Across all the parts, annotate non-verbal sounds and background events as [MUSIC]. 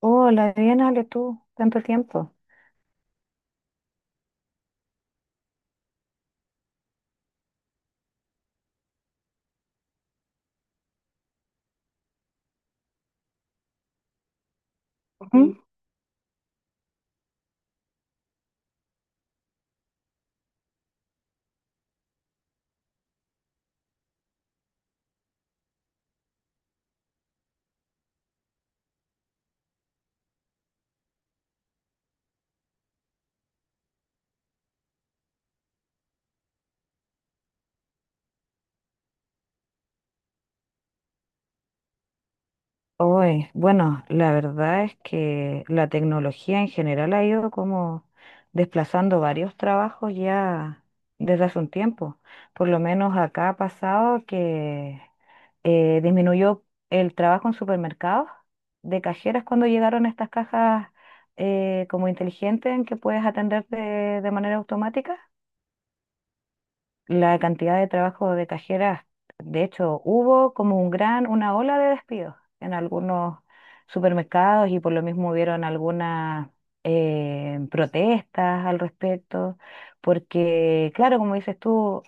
Hola, bien, Ale, tú, tanto tiempo. Ujú. Hoy, bueno, la verdad es que la tecnología en general ha ido como desplazando varios trabajos ya desde hace un tiempo. Por lo menos acá ha pasado que disminuyó el trabajo en supermercados de cajeras cuando llegaron estas cajas como inteligentes en que puedes atender de manera automática. La cantidad de trabajo de cajeras, de hecho, hubo como un gran, una ola de despidos en algunos supermercados y por lo mismo hubieron algunas protestas al respecto, porque claro, como dices tú,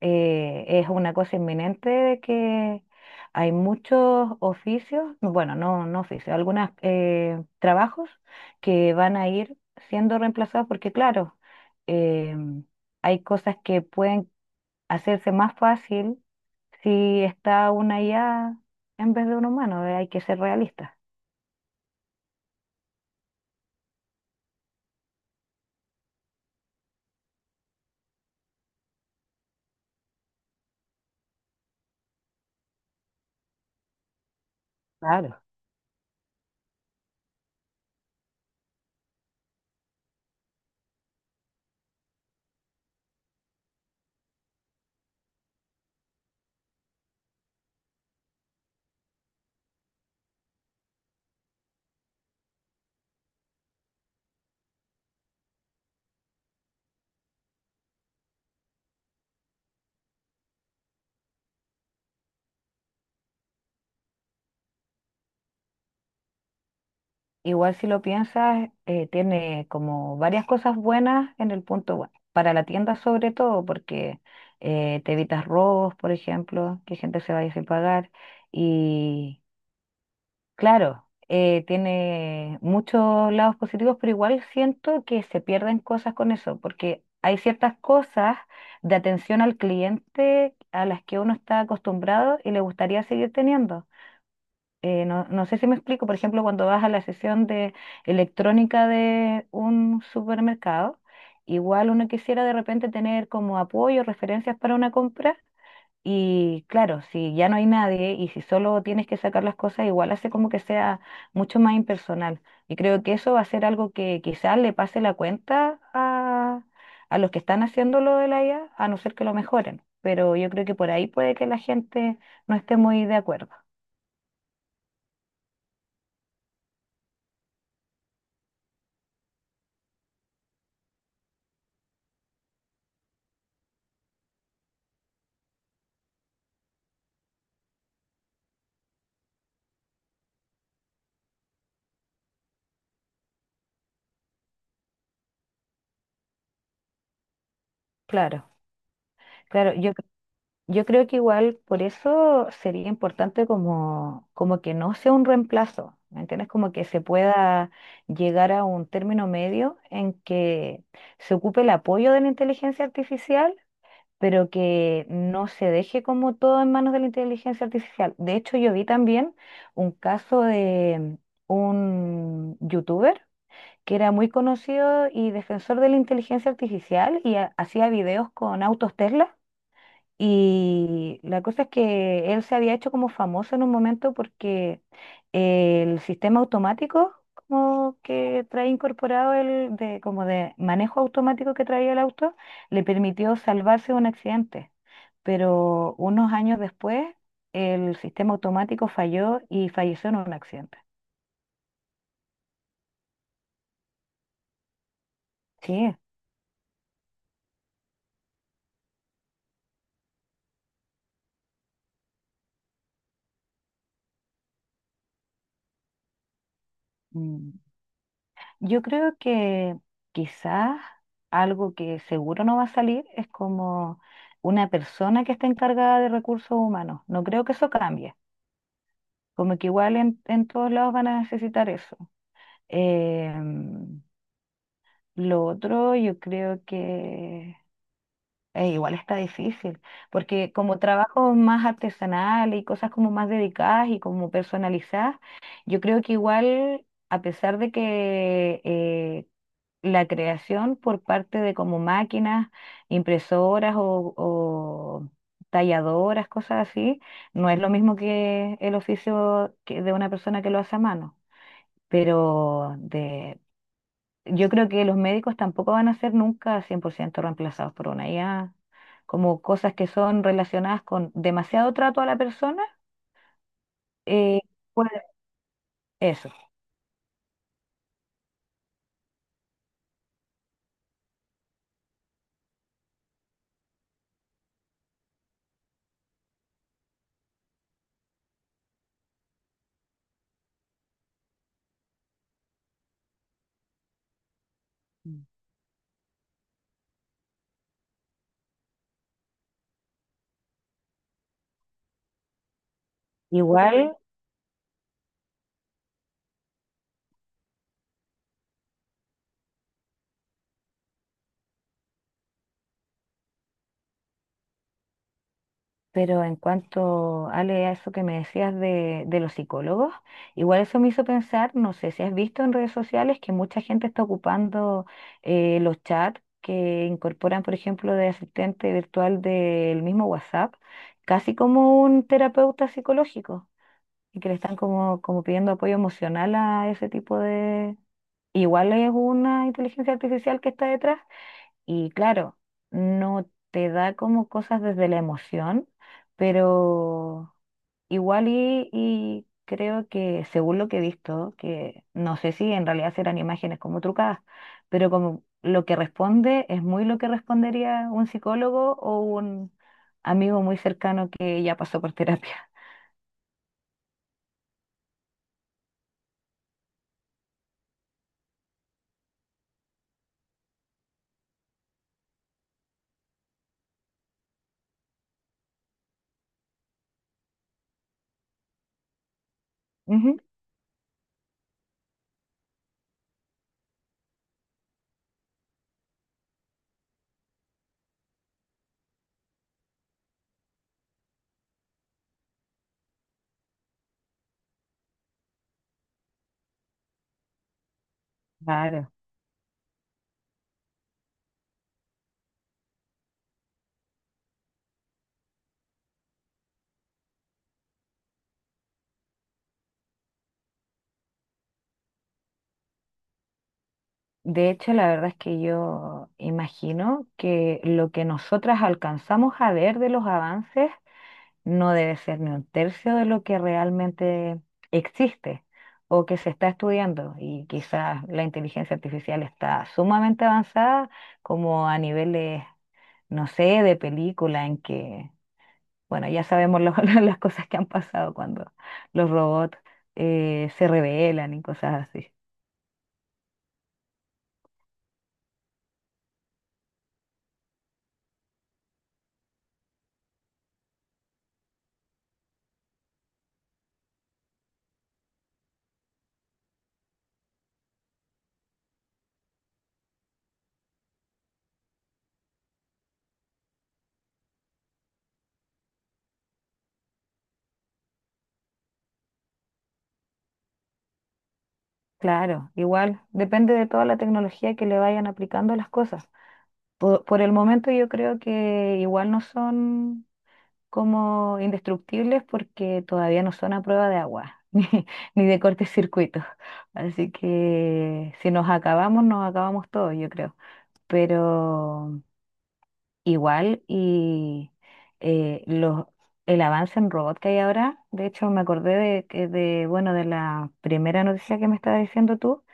es una cosa inminente de que hay muchos oficios, bueno, no, no oficios, algunos trabajos que van a ir siendo reemplazados porque claro, em, hay cosas que pueden hacerse más fácil si está una IA en vez de un humano, hay que ser realistas. Claro. Igual si lo piensas, tiene como varias cosas buenas en el punto, bueno, para la tienda sobre todo, porque te evitas robos, por ejemplo, que gente se vaya sin pagar, y claro, tiene muchos lados positivos, pero igual siento que se pierden cosas con eso, porque hay ciertas cosas de atención al cliente a las que uno está acostumbrado y le gustaría seguir teniendo. No sé si me explico, por ejemplo, cuando vas a la sesión de electrónica de un supermercado, igual uno quisiera de repente tener como apoyo, referencias para una compra y claro, si ya no hay nadie y si solo tienes que sacar las cosas, igual hace como que sea mucho más impersonal. Y creo que eso va a ser algo que quizás le pase la cuenta a los que están haciendo lo de la IA, a no ser que lo mejoren. Pero yo creo que por ahí puede que la gente no esté muy de acuerdo. Claro, claro. Yo creo que igual por eso sería importante como, como que no sea un reemplazo, ¿me entiendes? Como que se pueda llegar a un término medio en que se ocupe el apoyo de la inteligencia artificial, pero que no se deje como todo en manos de la inteligencia artificial. De hecho, yo vi también un caso de un youtuber que era muy conocido y defensor de la inteligencia artificial y hacía videos con autos Tesla. Y la cosa es que él se había hecho como famoso en un momento porque el sistema automático como que trae incorporado el de como de manejo automático que traía el auto le permitió salvarse de un accidente. Pero unos años después el sistema automático falló y falleció en un accidente. Sí. Mm. Yo creo que quizás algo que seguro no va a salir es como una persona que está encargada de recursos humanos. No creo que eso cambie. Como que igual en todos lados van a necesitar eso. Em, lo otro yo creo que igual está difícil, porque como trabajos más artesanales y cosas como más dedicadas y como personalizadas, yo creo que igual, a pesar de que la creación por parte de como máquinas, impresoras o talladoras, cosas así, no es lo mismo que el oficio que de una persona que lo hace a mano. Pero de, yo creo que los médicos tampoco van a ser nunca 100% reemplazados por una IA, como cosas que son relacionadas con demasiado trato a la persona, eh, pues eso. Mm. Igual, pero en cuanto, Ale, a eso que me decías de los psicólogos, igual eso me hizo pensar, no sé si has visto en redes sociales que mucha gente está ocupando los chats que incorporan, por ejemplo, de asistente virtual del mismo WhatsApp, casi como un terapeuta psicológico, y que le están como, como pidiendo apoyo emocional a ese tipo de... Igual es una inteligencia artificial que está detrás. Y claro, no te da como cosas desde la emoción, pero igual y creo que según lo que he visto, que no sé si en realidad serán imágenes como trucadas, pero como lo que responde es muy lo que respondería un psicólogo o un amigo muy cercano que ya pasó por [LAUGHS] terapia. Ujú, claro. De hecho, la verdad es que yo imagino que lo que nosotras alcanzamos a ver de los avances no debe ser ni un tercio de lo que realmente existe o que se está estudiando. Y quizás la inteligencia artificial está sumamente avanzada, como a niveles, no sé, de película, en que, bueno, ya sabemos [LAUGHS] las cosas que han pasado cuando los robots se rebelan y cosas así. Claro, igual depende de toda la tecnología que le vayan aplicando las cosas. Por el momento yo creo que igual no son como indestructibles porque todavía no son a prueba de agua [LAUGHS] ni, ni de cortocircuitos. Así que si nos acabamos, nos acabamos todos, yo creo. Pero igual eh, los, el avance en robot que hay ahora, de hecho me acordé de, de, bueno, de la primera noticia que me estabas diciendo tú,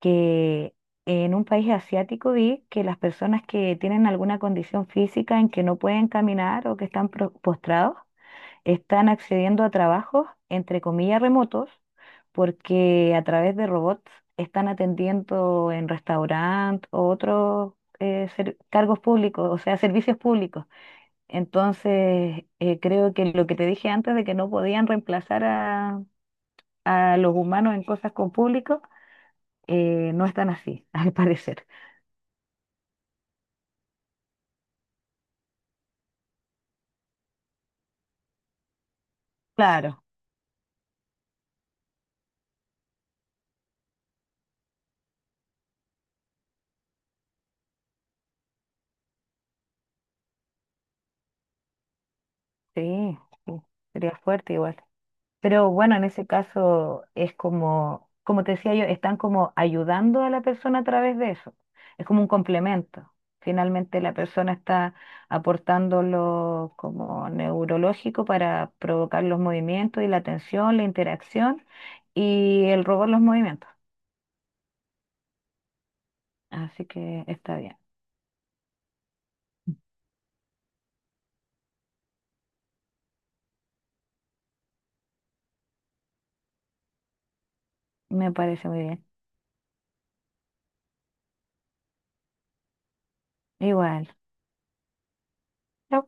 que en un país asiático vi que las personas que tienen alguna condición física en que no pueden caminar o que están postrados, están accediendo a trabajos, entre comillas, remotos, porque a través de robots están atendiendo en restaurantes o otros cargos públicos, o sea, servicios públicos. Entonces, creo que lo que te dije antes de que no podían reemplazar a los humanos en cosas con público, no están así, [LAUGHS] al parecer. Claro, sí, sí, sería fuerte igual. Pero bueno, en ese caso es como, como te decía yo, están como ayudando a la persona a través de eso. Es como un complemento. Finalmente la persona está aportando lo como neurológico para provocar los movimientos y la tensión, la interacción y el robot los movimientos. Así que está bien. Me parece muy bien. Igual. Chao.